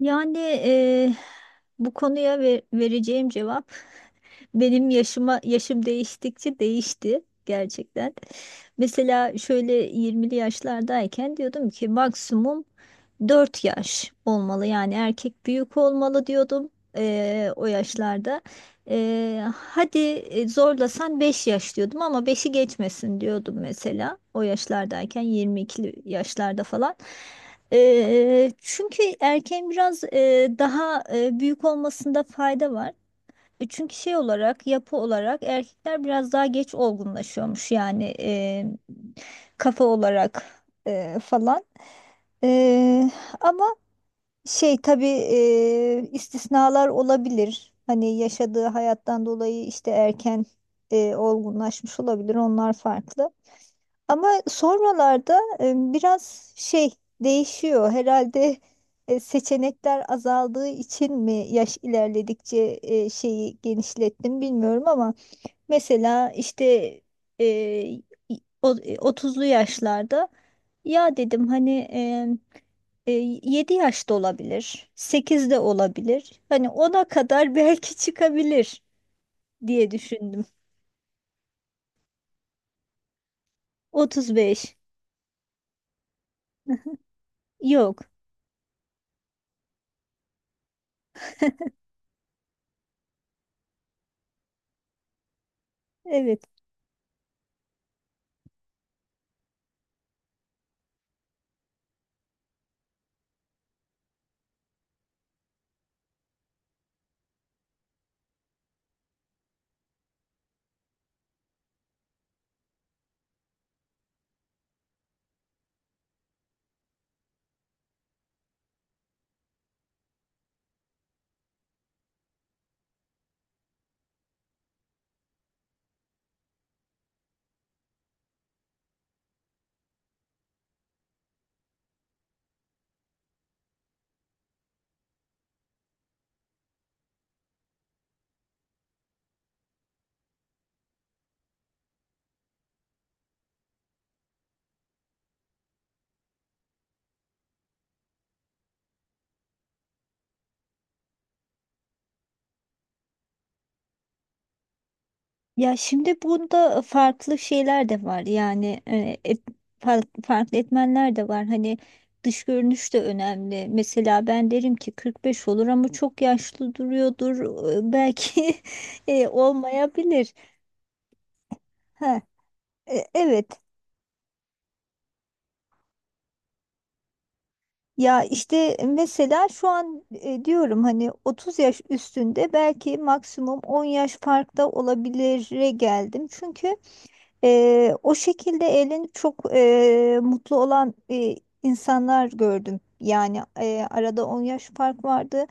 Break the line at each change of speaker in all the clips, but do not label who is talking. Yani bu konuya vereceğim cevap benim yaşım değiştikçe değişti gerçekten. Mesela şöyle 20'li yaşlardayken diyordum ki maksimum 4 yaş olmalı, yani erkek büyük olmalı diyordum o yaşlarda. Hadi zorlasan 5 yaş diyordum ama beşi geçmesin diyordum, mesela o yaşlardayken 22'li yaşlarda falan. Çünkü erkeğin biraz daha büyük olmasında fayda var. Çünkü şey olarak, yapı olarak erkekler biraz daha geç olgunlaşıyormuş, yani kafa olarak falan. E, Ama şey, tabii istisnalar olabilir. Hani yaşadığı hayattan dolayı işte erken olgunlaşmış olabilir. Onlar farklı. Ama sonralarda biraz şey değişiyor. Herhalde seçenekler azaldığı için mi yaş ilerledikçe şeyi genişlettim bilmiyorum ama mesela işte e, o- e, yaşlarda ya dedim hani e, e, 7 yaşta olabilir, 8 de olabilir. Hani ona kadar belki çıkabilir diye düşündüm. 35. Yok. Evet. Ya şimdi burada farklı şeyler de var yani, farklı etmenler de var hani. Dış görünüş de önemli, mesela ben derim ki 45 olur ama çok yaşlı duruyordur. Belki olmayabilir. Ha, evet. Ya işte mesela şu an diyorum hani 30 yaş üstünde belki maksimum 10 yaş farkta olabilire geldim, çünkü o şekilde evlenip çok mutlu olan insanlar gördüm. Yani arada 10 yaş fark vardı.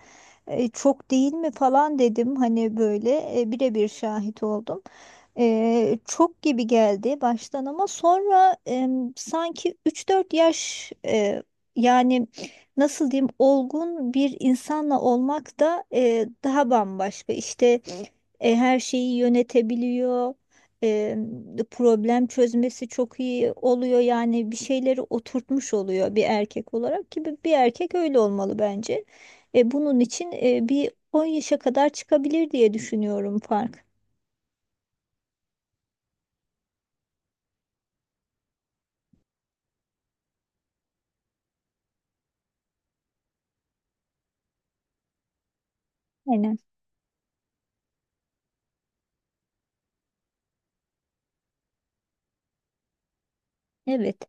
Çok değil mi falan dedim hani, böyle birebir şahit oldum. Çok gibi geldi baştan ama sonra sanki 3-4 yaş yani nasıl diyeyim, olgun bir insanla olmak da daha bambaşka. İşte her şeyi yönetebiliyor. E, Problem çözmesi çok iyi oluyor. Yani bir şeyleri oturtmuş oluyor bir erkek olarak, ki bir erkek öyle olmalı bence. Bunun için bir 10 yaşa kadar çıkabilir diye düşünüyorum fark. Aynen. Evet.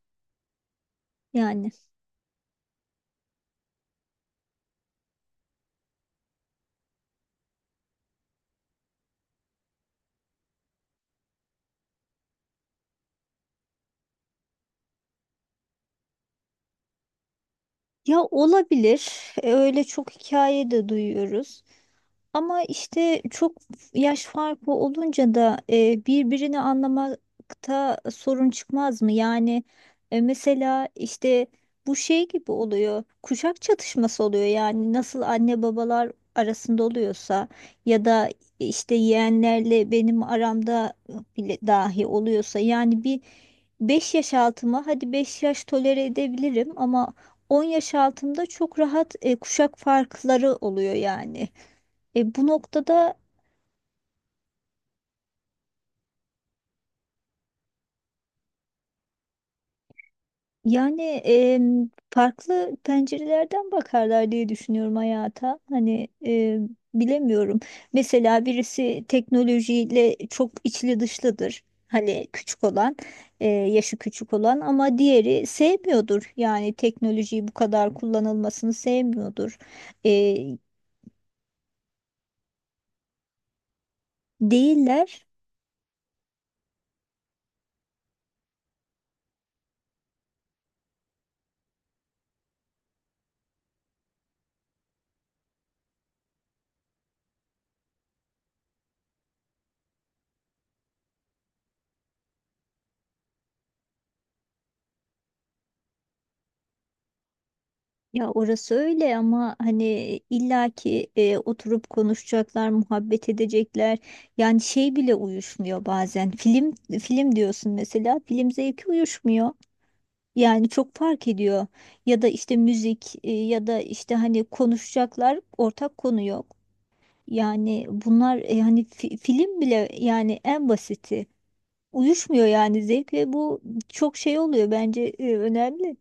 Yani, ya olabilir. Öyle çok hikaye de duyuyoruz. Ama işte çok yaş farkı olunca da birbirini anlamakta sorun çıkmaz mı? Yani mesela işte bu şey gibi oluyor. Kuşak çatışması oluyor. Yani nasıl anne babalar arasında oluyorsa ya da işte yeğenlerle benim aramda bile dahi oluyorsa, yani bir 5 yaş altıma hadi 5 yaş tolere edebilirim ama 10 yaş altımda çok rahat kuşak farkları oluyor yani. Bu noktada, yani farklı pencerelerden bakarlar diye düşünüyorum hayata. Hani bilemiyorum. Mesela birisi teknolojiyle çok içli dışlıdır, hani küçük olan, yaşı küçük olan, ama diğeri sevmiyordur. Yani teknolojiyi bu kadar kullanılmasını sevmiyordur. E, Değiller. Ya orası öyle ama hani illaki oturup konuşacaklar, muhabbet edecekler. Yani şey bile uyuşmuyor bazen. Film diyorsun mesela, film zevki uyuşmuyor. Yani çok fark ediyor. Ya da işte müzik, ya da işte hani konuşacaklar, ortak konu yok. Yani bunlar hani, film bile yani, en basiti uyuşmuyor yani zevk, ve bu çok şey oluyor bence, önemli.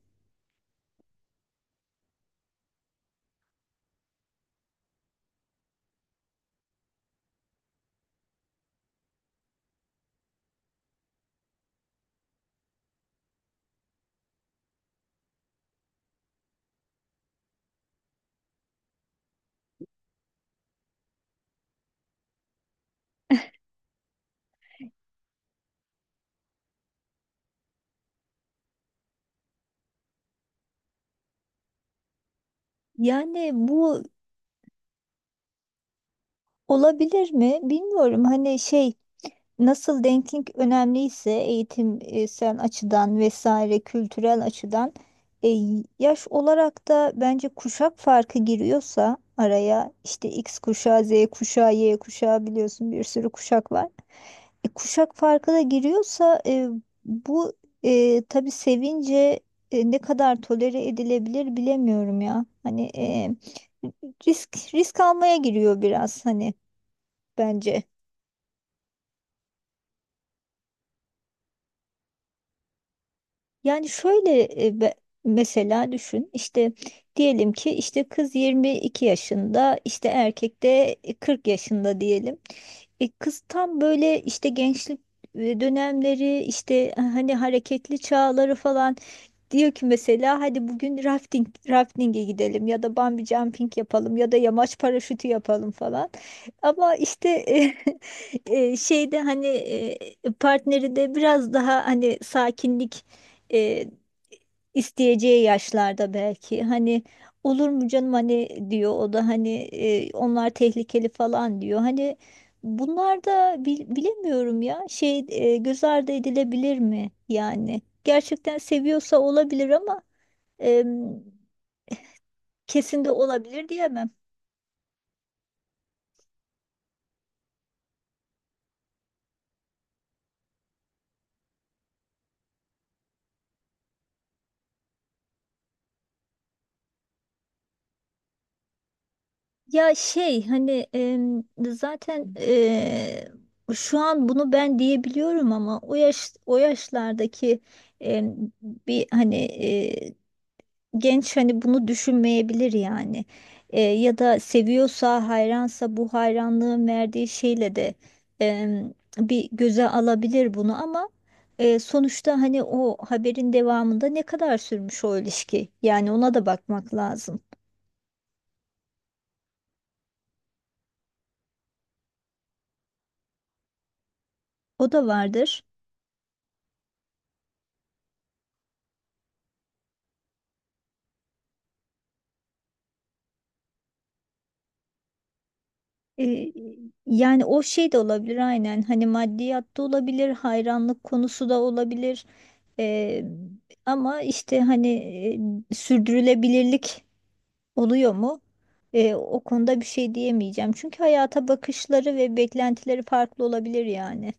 Yani bu. Olabilir mi? Bilmiyorum. Hani şey, nasıl denklik önemliyse eğitimsel açıdan vesaire, kültürel açıdan e, yaş olarak da bence kuşak farkı giriyorsa araya, işte X kuşağı, Z kuşağı, Y kuşağı, biliyorsun bir sürü kuşak var. Kuşak farkı da giriyorsa bu tabii, sevince ne kadar tolere edilebilir bilemiyorum ya. Hani risk almaya giriyor biraz hani, bence. Yani şöyle mesela düşün işte, diyelim ki işte kız 22 yaşında, işte erkek de 40 yaşında diyelim. Kız tam böyle işte gençlik dönemleri, işte hani hareketli çağları falan, diyor ki mesela hadi bugün rafting'e gidelim ya da bungee jumping yapalım ya da yamaç paraşütü yapalım falan. Ama işte şeyde hani partneri de biraz daha hani sakinlik e, isteyeceği yaşlarda belki, hani olur mu canım hani, diyor o da hani onlar tehlikeli falan diyor. Hani bunlar da bilemiyorum ya, şey, göz ardı edilebilir mi yani? Gerçekten seviyorsa olabilir ama e, kesin de olabilir diyemem. Ya şey hani, zaten şu an bunu ben diyebiliyorum ama o yaşlardaki em, bir hani genç hani bunu düşünmeyebilir yani. Ya da seviyorsa, hayransa, bu hayranlığın verdiği şeyle de em, bir göze alabilir bunu, ama sonuçta hani o haberin devamında ne kadar sürmüş o ilişki, yani ona da bakmak lazım. O da vardır. E, Yani o şey de olabilir aynen, hani maddiyat da olabilir, hayranlık konusu da olabilir. E, Ama işte hani sürdürülebilirlik oluyor mu? O konuda bir şey diyemeyeceğim, çünkü hayata bakışları ve beklentileri farklı olabilir yani.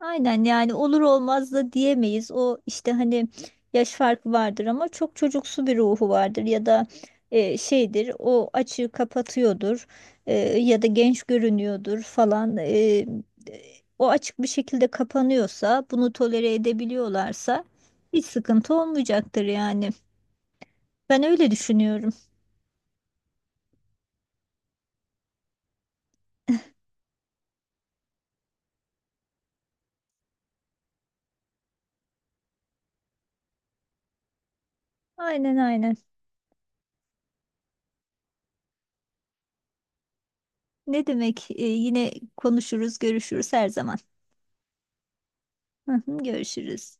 Aynen, yani olur olmaz da diyemeyiz. O işte hani, yaş farkı vardır ama çok çocuksu bir ruhu vardır, ya da şeydir, o açığı kapatıyordur, ya da genç görünüyordur falan. O açık bir şekilde kapanıyorsa, bunu tolere edebiliyorlarsa hiç sıkıntı olmayacaktır yani. Ben öyle düşünüyorum. Aynen, aynen. Ne demek? Yine konuşuruz, görüşürüz her zaman. Görüşürüz.